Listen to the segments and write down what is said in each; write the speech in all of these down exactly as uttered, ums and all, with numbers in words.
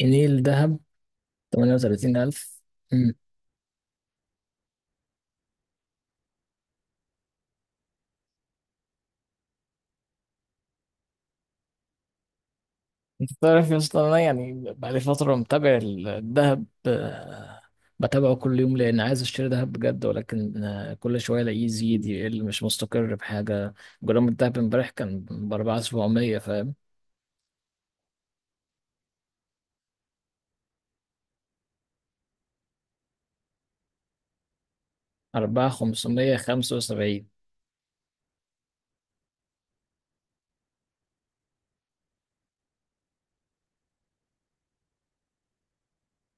جنيه دهب؟ تمانية وتلاتين الف؟ امم. انت تعرف يا اسطى، انا يعني بقالي فترة متابع الذهب، آه، بتابعه كل يوم لان عايز اشتري ذهب بجد، ولكن آه، كل شوية الاقيه يزيد يقل، مش مستقر بحاجة. جرام الذهب امبارح كان ب اربعة وسبعمية، فاهم؟ اربعة الاف وخمسمية وخمسة وسبعين.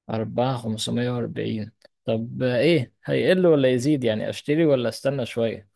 اربعة الاف وخمسمية واربعين. طب آه، ايه، هيقل ولا يزيد؟ يعني اشتري ولا استنى شوية؟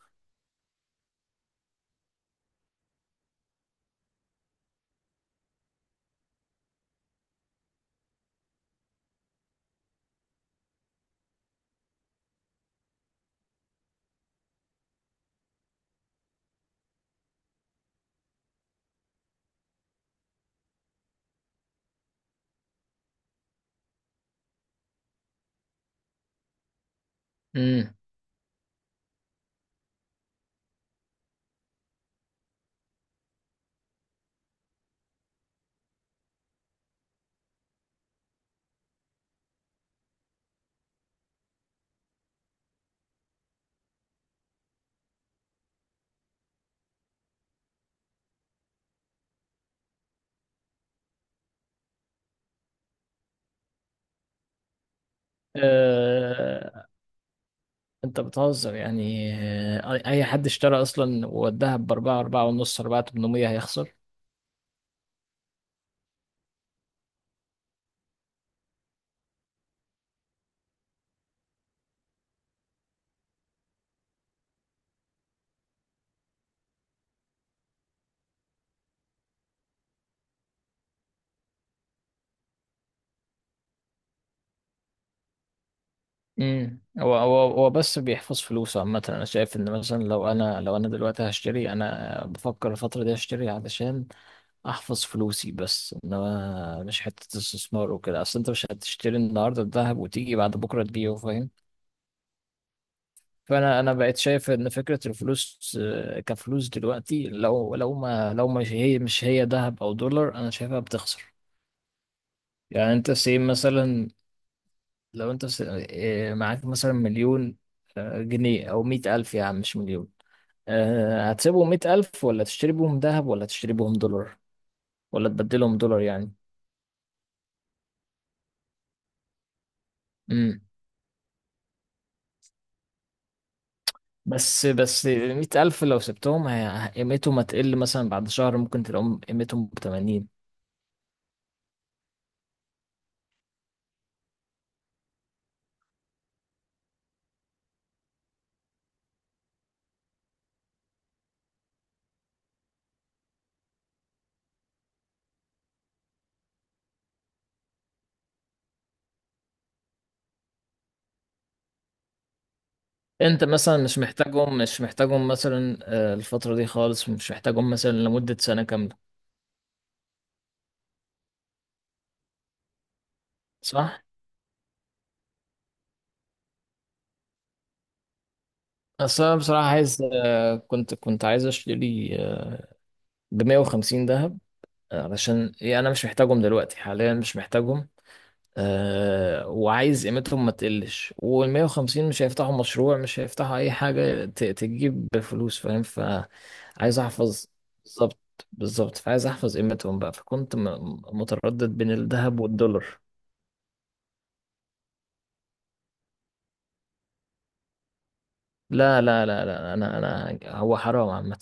امم. انت بتهزر يعني، آه، اي حد اشترى اصلا ووداها باربعة، اربعة ونص، اربعة ثمانمية هيخسر. امم هو هو هو بس بيحفظ فلوسه عامة. انا شايف ان مثلا لو انا لو انا دلوقتي هشتري، انا بفكر الفترة دي اشتري علشان احفظ فلوسي، بس انما مش حتة استثمار وكده. اصل انت مش هتشتري النهاردة الذهب وتيجي بعد بكرة تبيعه، فاهم؟ فانا انا بقيت شايف ان فكرة الفلوس، آه، كفلوس دلوقتي، لو لو ما لو مش هي مش هي ذهب او دولار، انا شايفها بتخسر. يعني انت سيب مثلا، لو انت س- إيه، معاك مثلا مليون آه، جنيه، او مئة الف يا عم، مش مليون. آه، هتسيبهم مئة الف، ولا تشتري بهم ذهب، ولا تشتري بهم دولار، ولا تبدلهم دولار يعني؟ امم. بس بس مئة الف لو سبتهم، هي- قيمتهم هتقل، مثلا بعد شهر ممكن تلاقيهم قيمتهم بتمانين. انت مثلا مش محتاجهم مش محتاجهم مثلا آه، الفترة دي خالص، مش محتاجهم مثلا لمدة سنة كاملة، صح؟ بس انا بصراحة عايز، آه، كنت كنت عايز اشتري آه، ب مية وخمسين ذهب. آه، علشان إيه، انا مش محتاجهم دلوقتي، حاليا مش محتاجهم. أه وعايز قيمتهم ما تقلش، وال مية وخمسين مش هيفتحوا مشروع، مش هيفتحوا اي حاجة ت- تجيب فلوس، فاهم؟ فعايز احفظ. بالظبط. بالظبط، فعايز احفظ قيمتهم بقى. فكنت م- متردد بين الذهب والدولار. لا لا لا لا، انا انا هو حرام عامة.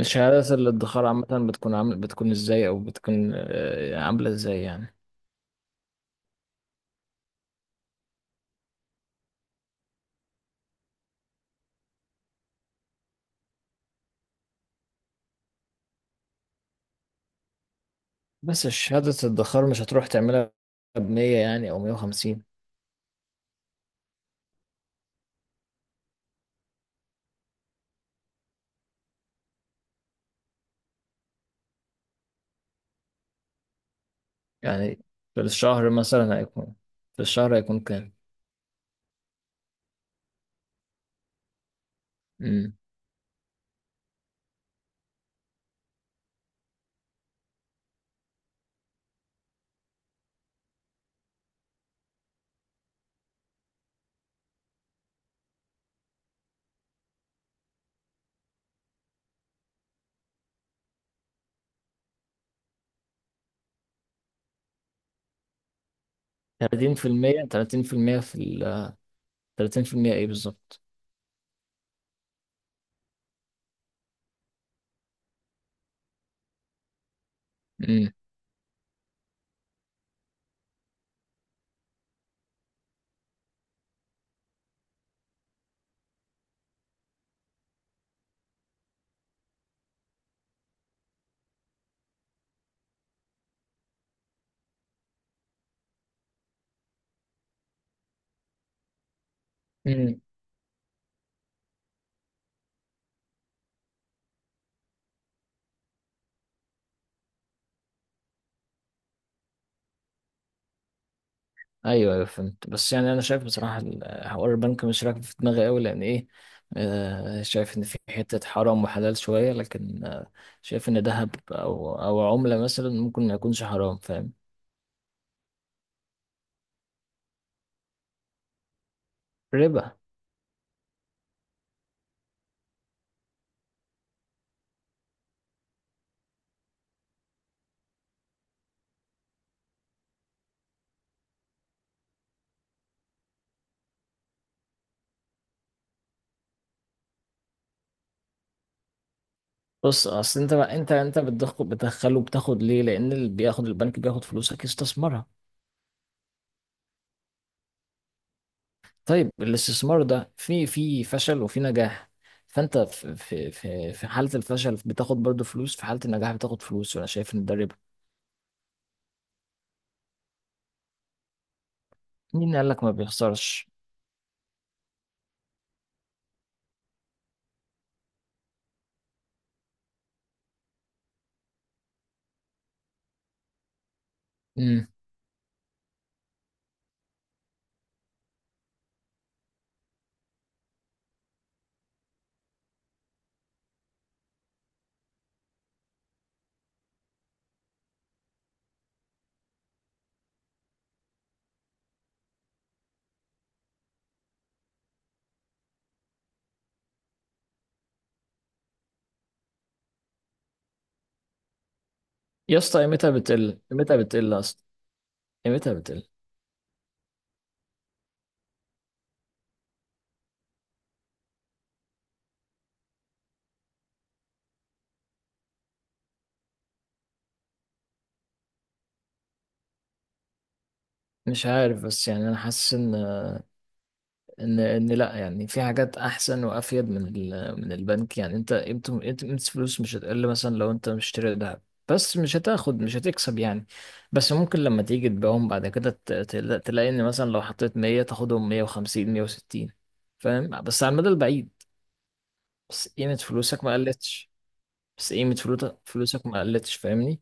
الشهادات الادخار عامة بتكون عامل بتكون ازاي؟ او بتكون آه، عاملة ازاي يعني؟ بس شهادة الادخار مش هتروح تعملها بمية يعني، أو مية وخمسين. يعني في الشهر مثلا هيكون في الشهر هيكون كام؟ أمم. تلاتين في المية تلاتين في المية في ال تلاتين في المية إيه بالظبط؟ أمم. أمم. أيوه أيوه، فهمت. بس يعني أنا شايف بصراحة، ال- حوار البنك مش راكب في دماغي أوي، لأن إيه، آه شايف إن في حتة حرام وحلال شوية، لكن آه شايف إن دهب أو أو عملة مثلا ممكن ما يكونش حرام، فاهم؟ ربا. بص، اصل انت بقى انت انت بتدخل بتدخله، بتاخد ليه؟ لان اللي بياخد البنك بياخد فلوسك يستثمرها. طيب الاستثمار ده في في فشل وفي نجاح، فانت في في في في حالة الفشل بتاخد برضو فلوس، في حالة النجاح بتاخد فلوس، وانا شايف ان ده ربا. مين قال لك ما بيخسرش؟ امم. يا اسطى قيمتها بتقل، قيمتها بتقل اصلا. قيمتها بتقل. مش عارف، بس يعني انا حاسس ان، ان ان لا يعني، في حاجات احسن وافيد من ال- من البنك. يعني انت قيمته قيمه الفلوس مش هتقل، مثلا لو انت مشتري ذهب، بس مش هتاخد مش هتكسب يعني. بس ممكن لما تيجي تبيعهم بعد كده ت- تلا- تلاقي ان مثلا لو حطيت مية تاخدهم مية وخمسين مية وستين، فاهم؟ بس على المدى البعيد. بس قيمه فلوسك ما قلتش. بس قيمه فلوتك- فلوسك ما قلتش، فاهمني؟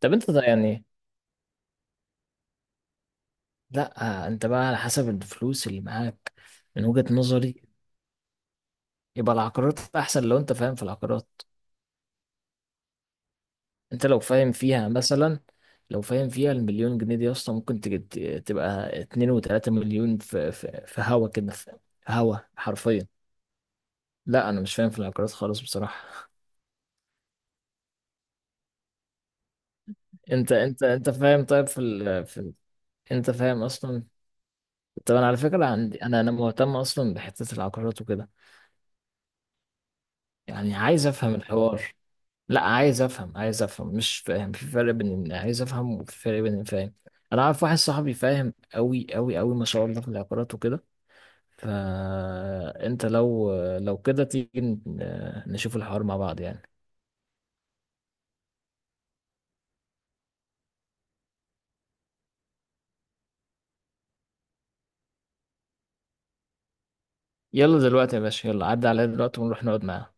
طب انت ده يعني، لا انت بقى على حسب الفلوس اللي معاك. من وجهة نظري، يبقى العقارات احسن لو انت فاهم في العقارات. انت لو فاهم فيها مثلا، لو فاهم فيها المليون جنيه دي يا اسطى، ممكن تجد تبقى اتنين وتلاتة مليون في في, في هوا كده، في هوا حرفيا. لا انا مش فاهم في العقارات خالص بصراحة. انت انت انت فاهم؟ طيب في, ال... في ال... انت فاهم اصلا؟ طب انا على فكرة عندي انا انا مهتم اصلا بحتة العقارات وكده، يعني عايز افهم الحوار. لا عايز افهم عايز افهم مش فاهم. في فرق بين ان عايز افهم، وفي فرق بين إن فاهم. انا عارف واحد صاحبي فاهم قوي قوي قوي، ما شاء الله، في العقارات وكده. فانت لو لو كده تيجي ن- نشوف الحوار مع بعض يعني. يلا دلوقتي يا باشا، يلا عدى عليا دلوقتي ونروح نقعد معاه.